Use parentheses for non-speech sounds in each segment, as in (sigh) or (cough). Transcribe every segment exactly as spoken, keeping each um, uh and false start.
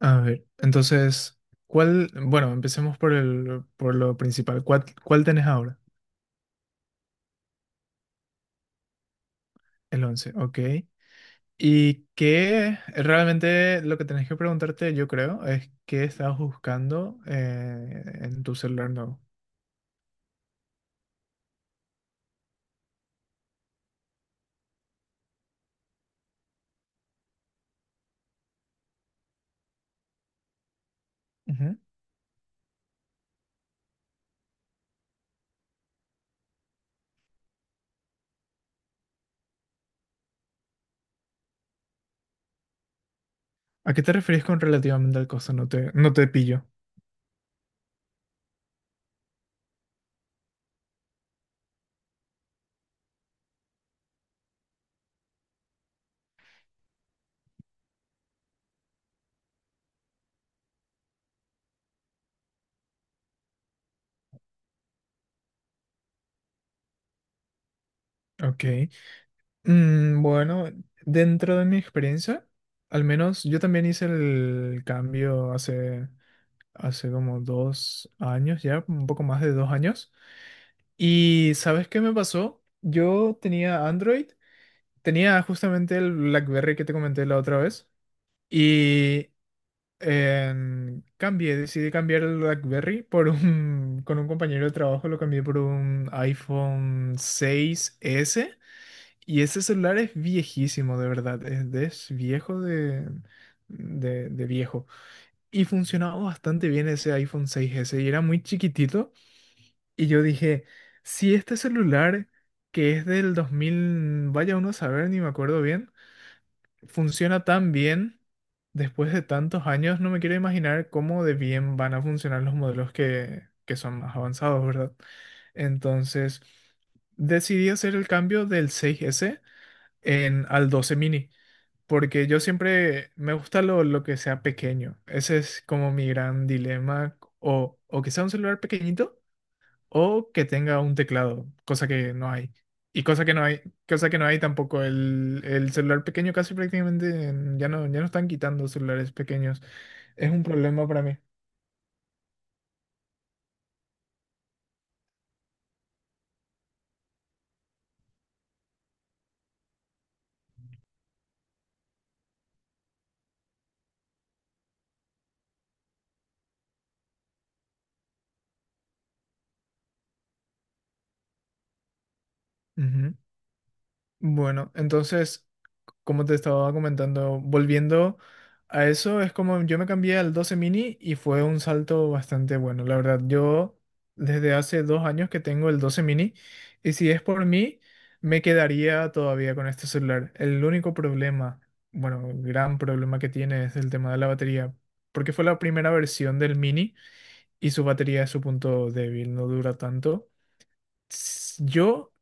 A ver, entonces, ¿cuál? Bueno, empecemos por el, por lo principal. ¿Cuál, cuál tenés ahora? El once, ok. Y que realmente lo que tenés que preguntarte, yo creo, es qué estás buscando eh, en tu celular nuevo. Ujú. ¿A qué te refieres con relativamente al costo? No te, no te pillo. Ok. Mm, bueno, dentro de mi experiencia, al menos yo también hice el cambio hace, hace como dos años ya, un poco más de dos años. ¿Y sabes qué me pasó? Yo tenía Android, tenía justamente el BlackBerry que te comenté la otra vez y em, cambié, decidí cambiar el BlackBerry por un, con un compañero de trabajo, lo cambié por un iPhone seis s y ese celular es viejísimo, de verdad, es, es viejo de, de, de viejo y funcionaba bastante bien ese iPhone seis s y era muy chiquitito. Y yo dije, si este celular, que es del dos mil vaya uno a saber, ni me acuerdo bien, funciona tan bien después de tantos años, no me quiero imaginar cómo de bien van a funcionar los modelos que, que son más avanzados, ¿verdad? Entonces, decidí hacer el cambio del seis s en, al doce mini, porque yo siempre me gusta lo, lo que sea pequeño. Ese es como mi gran dilema, o, o que sea un celular pequeñito o que tenga un teclado, cosa que no hay. Y cosa que no hay, cosa que no hay tampoco. El, el celular pequeño casi prácticamente mm, ya no, ya no están quitando celulares pequeños. Es un problema para mí. Ujú. Bueno, entonces como te estaba comentando, volviendo a eso, es como yo me cambié al doce mini y fue un salto bastante bueno. La verdad, yo desde hace dos años que tengo el doce mini y si es por mí, me quedaría todavía con este celular. El único problema, bueno, gran problema que tiene es el tema de la batería, porque fue la primera versión del mini y su batería es su punto débil, no dura tanto. S- Yo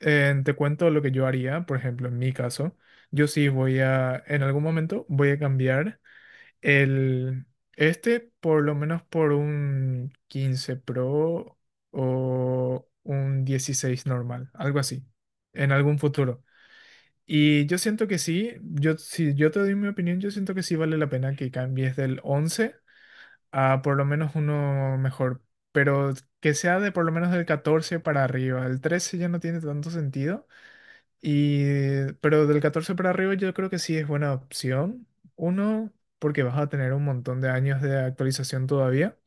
eh, te cuento lo que yo haría, por ejemplo, en mi caso, yo sí voy a, en algún momento voy a cambiar el, este por lo menos por un quince Pro o un dieciséis normal, algo así, en algún futuro. Y yo siento que sí, yo, si yo te doy mi opinión, yo siento que sí vale la pena que cambies del once a por lo menos uno mejor, pero que sea de por lo menos del catorce para arriba, el trece ya no tiene tanto sentido. Y, pero del catorce para arriba yo creo que sí es buena opción. Uno, porque vas a tener un montón de años de actualización todavía.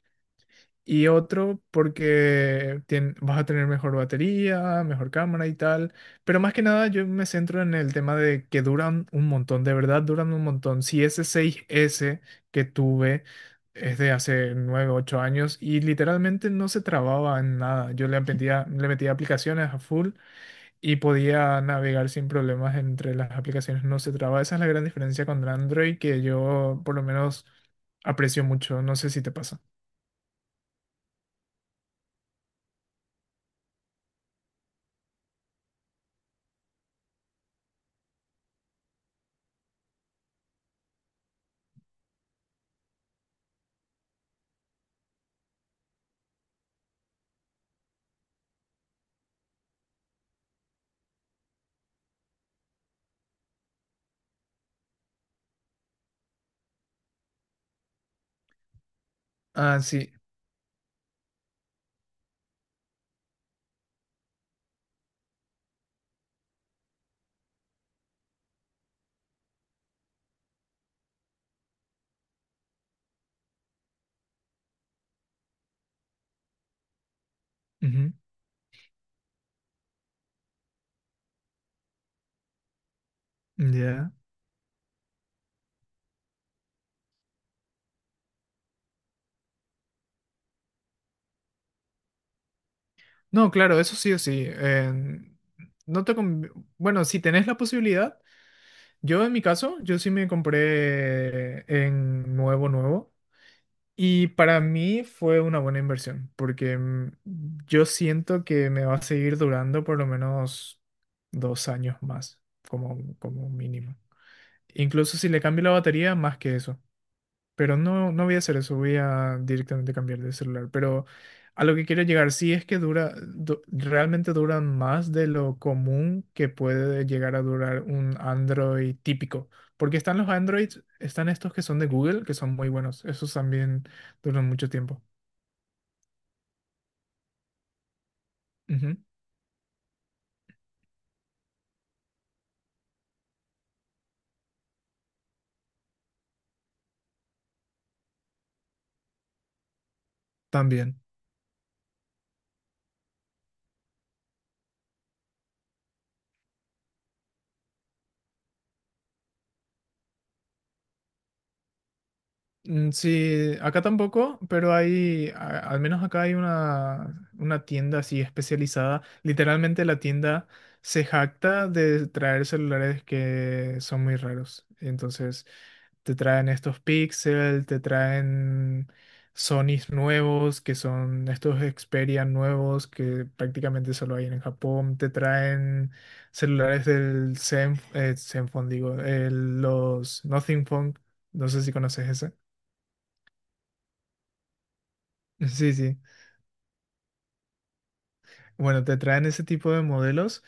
Y otro, porque tien- vas a tener mejor batería, mejor cámara y tal. Pero más que nada yo me centro en el tema de que duran un montón, de verdad duran un montón. Si ese seis s que tuve es de hace nueve ocho años y literalmente no se trababa en nada. Yo le (laughs) metía, le metía aplicaciones a full y podía navegar sin problemas entre las aplicaciones, no se traba. Esa es la gran diferencia con Android que yo por lo menos aprecio mucho, no sé si te pasa. Ah, sí. Ujú. Ya. No, claro, eso sí o sí. en- no te conv- Bueno, si tenés la posibilidad, yo en mi caso, yo sí me compré en nuevo, nuevo. Y para mí fue una buena inversión, porque mm, yo siento que me va a seguir durando por lo menos dos años más, como, como mínimo. Incluso si le cambio la batería, más que eso. Pero no, no voy a hacer eso, voy a directamente cambiar de celular. Pero a lo que quiero llegar, sí es que dura, du- realmente duran más de lo común que puede llegar a durar un Android típico. Porque están los Androids, están estos que son de Google, que son muy buenos. Esos también duran mucho tiempo. Ujú, también. Mm, Sí, acá tampoco, pero hay, a- al menos acá hay una, una tienda así especializada. Literalmente la tienda se jacta de traer celulares que son muy raros. Entonces te traen estos Pixel, te traen Sonys nuevos, que son estos Xperia nuevos que prácticamente solo hay en Japón, te traen celulares del Zenf- eh, Zenfone, digo, eh, los Nothing Phone, no sé si conoces ese. Sí, sí. Bueno, te traen ese tipo de modelos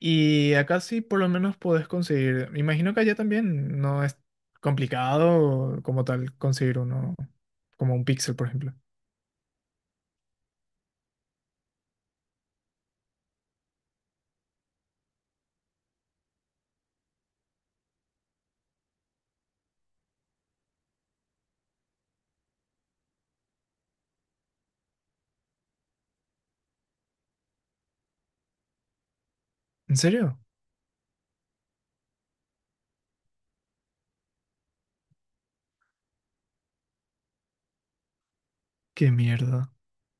y acá sí por lo menos podés conseguir. Me imagino que allá también no es complicado como tal conseguir uno, como un Pixel, por ejemplo. ¿En serio? ¿Qué mierda?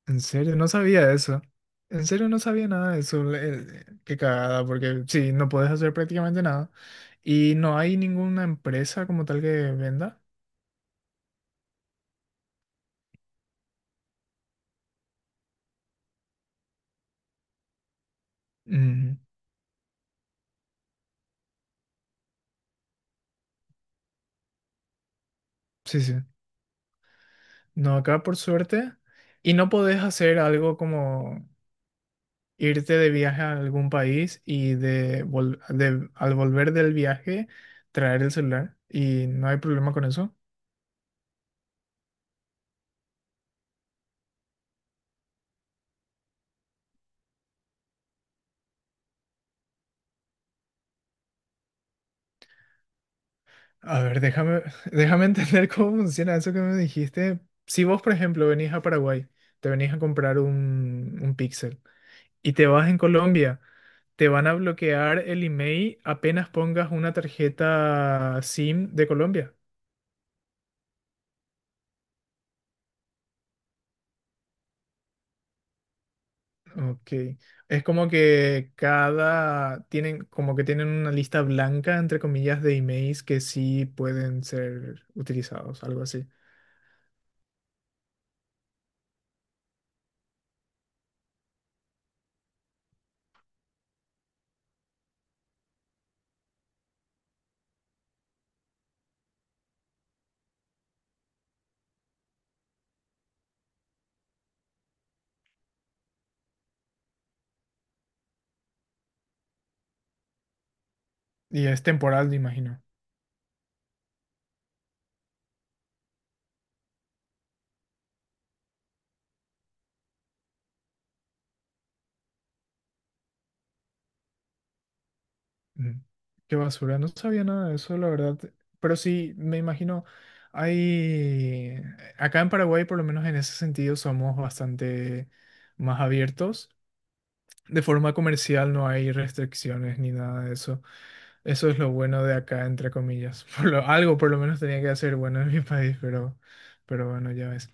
¿En serio? No sabía eso. En serio no sabía nada de eso. Le- eh, Qué cagada, porque sí, no puedes hacer prácticamente nada. Y no hay ninguna empresa como tal que venda. Ujú. Sí, sí. No, acá por suerte. Y no podés hacer algo como irte de viaje a algún país y de, vol- de- al volver del viaje traer el celular y no hay problema con eso. A ver, déjame, (laughs) déjame entender cómo funciona eso que me dijiste. Si vos, por ejemplo, venís a Paraguay, te venís a comprar un, un Pixel y te vas en Colombia, te van a bloquear el email apenas pongas una tarjeta SIM de Colombia. Ok. Es como que cada tienen, como que tienen una lista blanca, entre comillas, de emails que sí pueden ser utilizados, algo así. Y es temporal, me imagino. Mm, Qué basura, no sabía nada de eso, la verdad. Pero sí, me imagino, hay. Acá en Paraguay, por lo menos en ese sentido, somos bastante más abiertos. De forma comercial no hay restricciones ni nada de eso. Eso es lo bueno de acá, entre comillas. (laughs) Por lo- algo por lo menos tenía que hacer bueno en mi país, pero, pero bueno, ya ves.